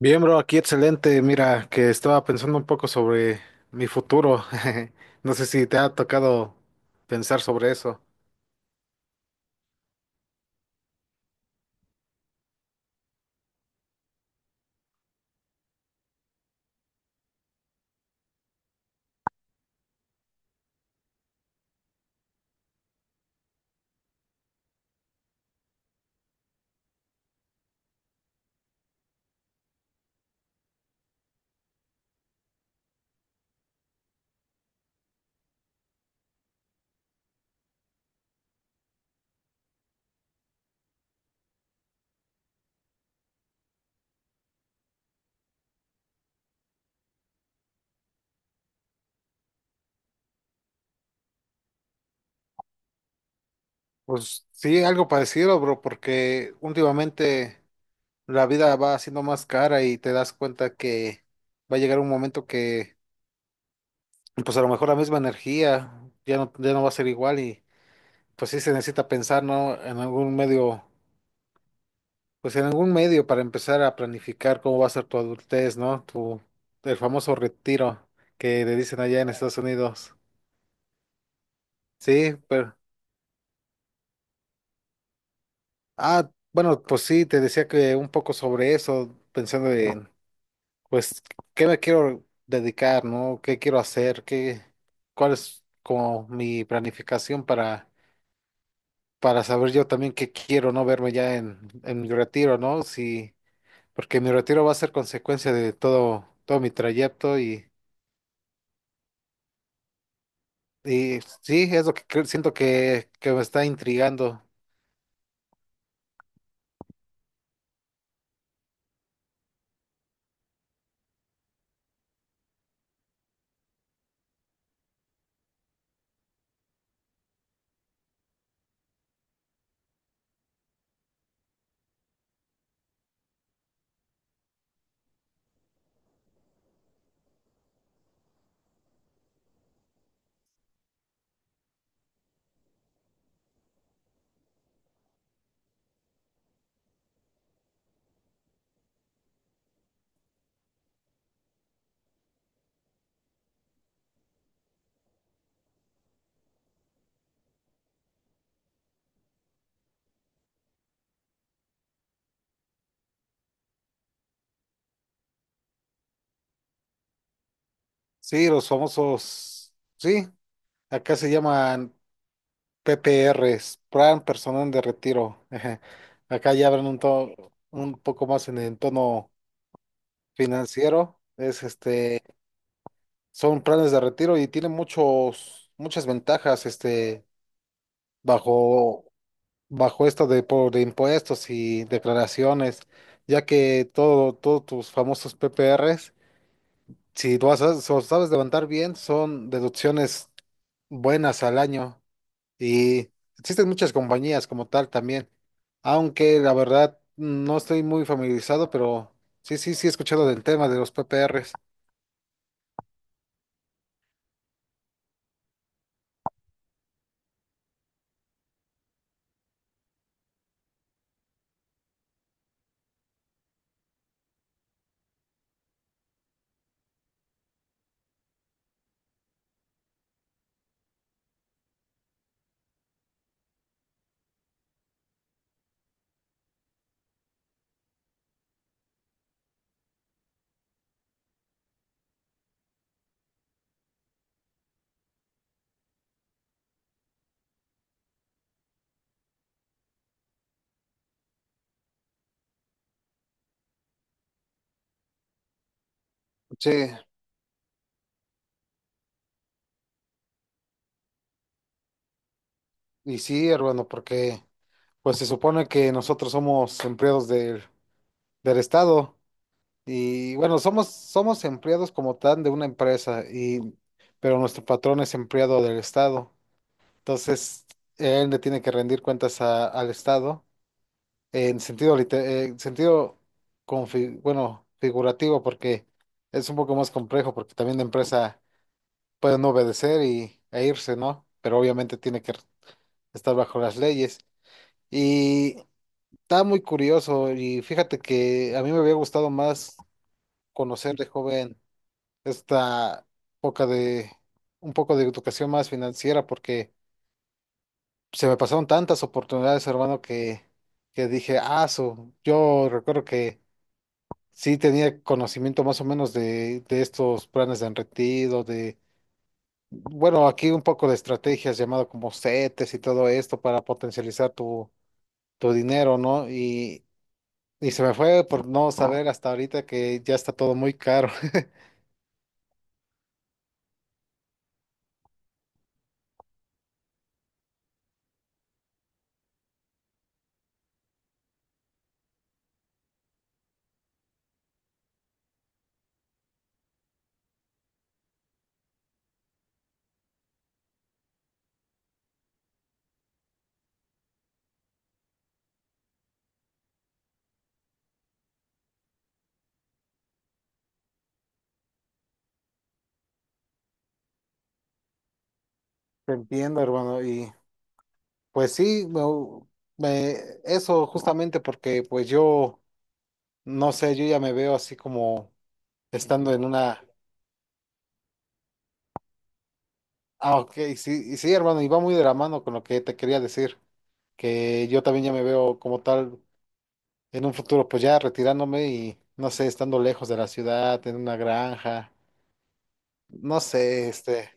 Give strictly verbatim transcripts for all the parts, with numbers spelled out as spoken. Bien, bro, aquí excelente. Mira, que estaba pensando un poco sobre mi futuro. No sé si te ha tocado pensar sobre eso. Pues sí, algo parecido, bro, porque últimamente la vida va siendo más cara y te das cuenta que va a llegar un momento que, pues a lo mejor la misma energía ya no, ya no va a ser igual y pues sí se necesita pensar, ¿no? En algún medio. Pues en algún medio para empezar a planificar cómo va a ser tu adultez, ¿no? Tu, el famoso retiro que le dicen allá en Estados Unidos. Sí, pero... Ah, bueno, pues sí, te decía que un poco sobre eso, pensando en, pues, ¿qué me quiero dedicar, ¿no? ¿Qué quiero hacer? ¿Qué, cuál es como mi planificación para, para saber yo también qué quiero, ¿no? Verme ya en, en mi retiro, ¿no? Sí, porque mi retiro va a ser consecuencia de todo, todo mi trayecto y... Y sí, es lo que cre- siento que, que me está intrigando. Sí, los famosos, sí, acá se llaman P P Ers, Plan Personal de Retiro. Ajá. Acá ya hablan un, to- un poco más en el tono financiero. Es este, son planes de retiro y tienen muchos, muchas ventajas, este, bajo, bajo esto de, por de impuestos y declaraciones, ya que todo, todos tus famosos P P Ers. Si tú sabes, so- sabes levantar bien, son deducciones buenas al año y existen muchas compañías como tal también, aunque la verdad no estoy muy familiarizado, pero sí, sí, sí he escuchado del tema de los P P Ers. Sí, y sí, hermano, porque pues se supone que nosotros somos empleados del, del Estado y bueno, somos, somos empleados como tal de una empresa y pero nuestro patrón es empleado del Estado. Entonces, él le tiene que rendir cuentas a- al Estado en sentido, lite- eh, en sentido confi- bueno, figurativo, porque es un poco más complejo, porque también la empresa puede no obedecer y, e irse, ¿no? Pero obviamente tiene que estar bajo las leyes. Y está muy curioso, y fíjate que a mí me había gustado más conocer de joven esta época de un poco de educación más financiera, porque se me pasaron tantas oportunidades, hermano, que, que dije, ah, su, yo recuerdo que sí tenía conocimiento más o menos de, de estos planes de enretido, de, bueno, aquí un poco de estrategias llamado como CETES y todo esto para potencializar tu, tu dinero, ¿no? Y, y se me fue por no saber hasta ahorita que ya está todo muy caro. Te entiendo, hermano, y pues sí, me, me- eso justamente porque pues yo, no sé, yo ya me veo así como estando en una... Ah, ok, sí, y sí, hermano, y va muy de la mano con lo que te quería decir, que yo también ya me veo como tal en un futuro, pues ya retirándome y, no sé, estando lejos de la ciudad, en una granja, no sé, este,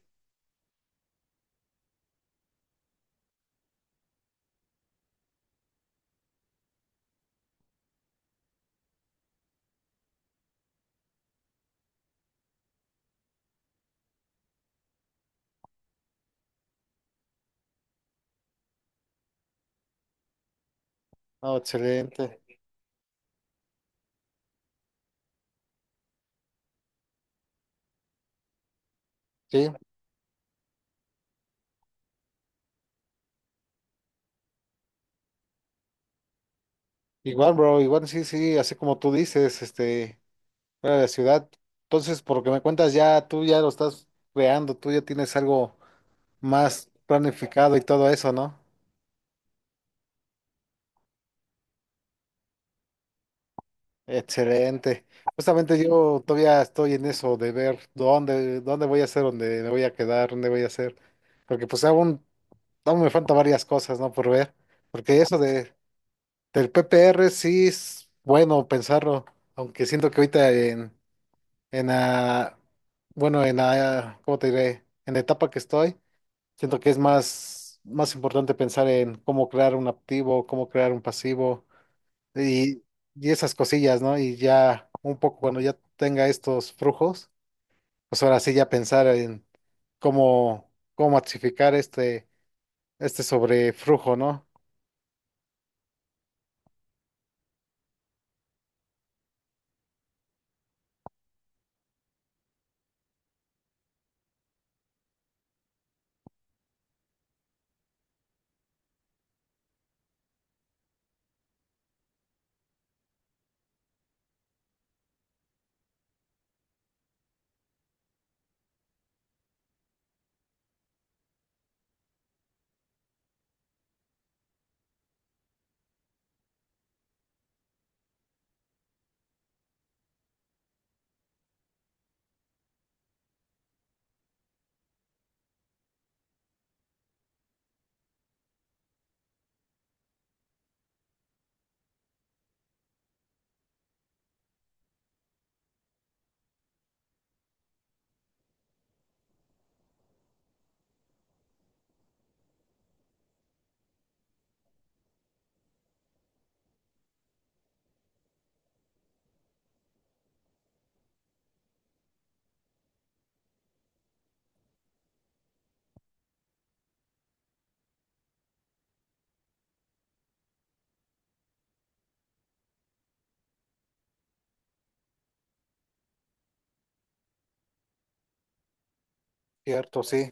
no, excelente, sí, igual, bro, igual, sí, sí, así como tú dices, este, fuera de la ciudad, entonces, por lo que me cuentas, ya tú ya lo estás creando, tú ya tienes algo más planificado y todo eso, ¿no? Excelente. Justamente yo todavía estoy en eso de ver dónde, dónde voy a hacer, dónde me voy a quedar, dónde voy a hacer. Porque pues aún, aún me faltan varias cosas, ¿no? Por ver. Porque eso de, del P P R sí es bueno pensarlo. Aunque siento que ahorita en, en la, bueno, en la, ¿cómo te diré? En la etapa que estoy, siento que es más, más importante pensar en cómo crear un activo, cómo crear un pasivo y, y esas cosillas, ¿no? Y ya un poco cuando ya tenga estos flujos, pues ahora sí ya pensar en cómo, cómo masificar este, este sobreflujo, ¿no? Cierto, sí.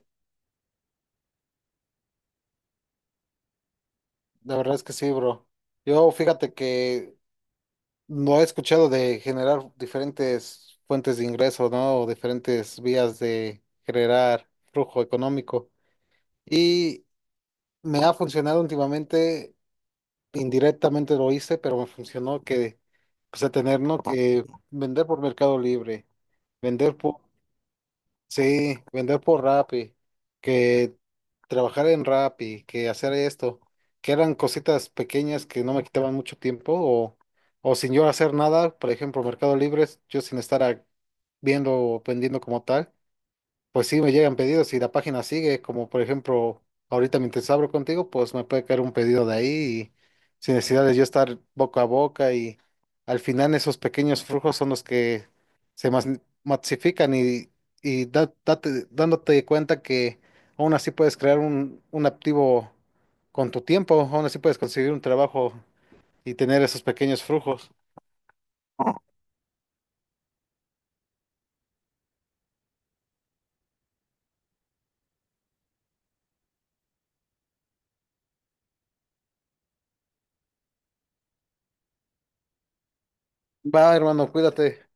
La verdad es que sí, bro. Yo fíjate que no he escuchado de generar diferentes fuentes de ingreso, ¿no? O diferentes vías de generar flujo económico. Y me ha funcionado últimamente indirectamente lo hice, pero me funcionó que, pues, a tener, ¿no? Que vender por Mercado Libre, vender por, sí, vender por Rappi, que trabajar en Rappi, que hacer esto, que eran cositas pequeñas que no me quitaban mucho tiempo, o, o sin yo hacer nada, por ejemplo, Mercado Libre, yo sin estar a- viendo o vendiendo como tal. Pues sí, me llegan pedidos y la página sigue, como por ejemplo, ahorita mientras abro contigo, pues me puede caer un pedido de ahí y sin necesidad de yo estar boca a boca y al final esos pequeños flujos son los que se mas- masifican y, y da- date- dándote cuenta que aún así puedes crear un, un activo con tu tiempo, aún así puedes conseguir un trabajo y tener esos pequeños flujos. Va, hermano, cuídate.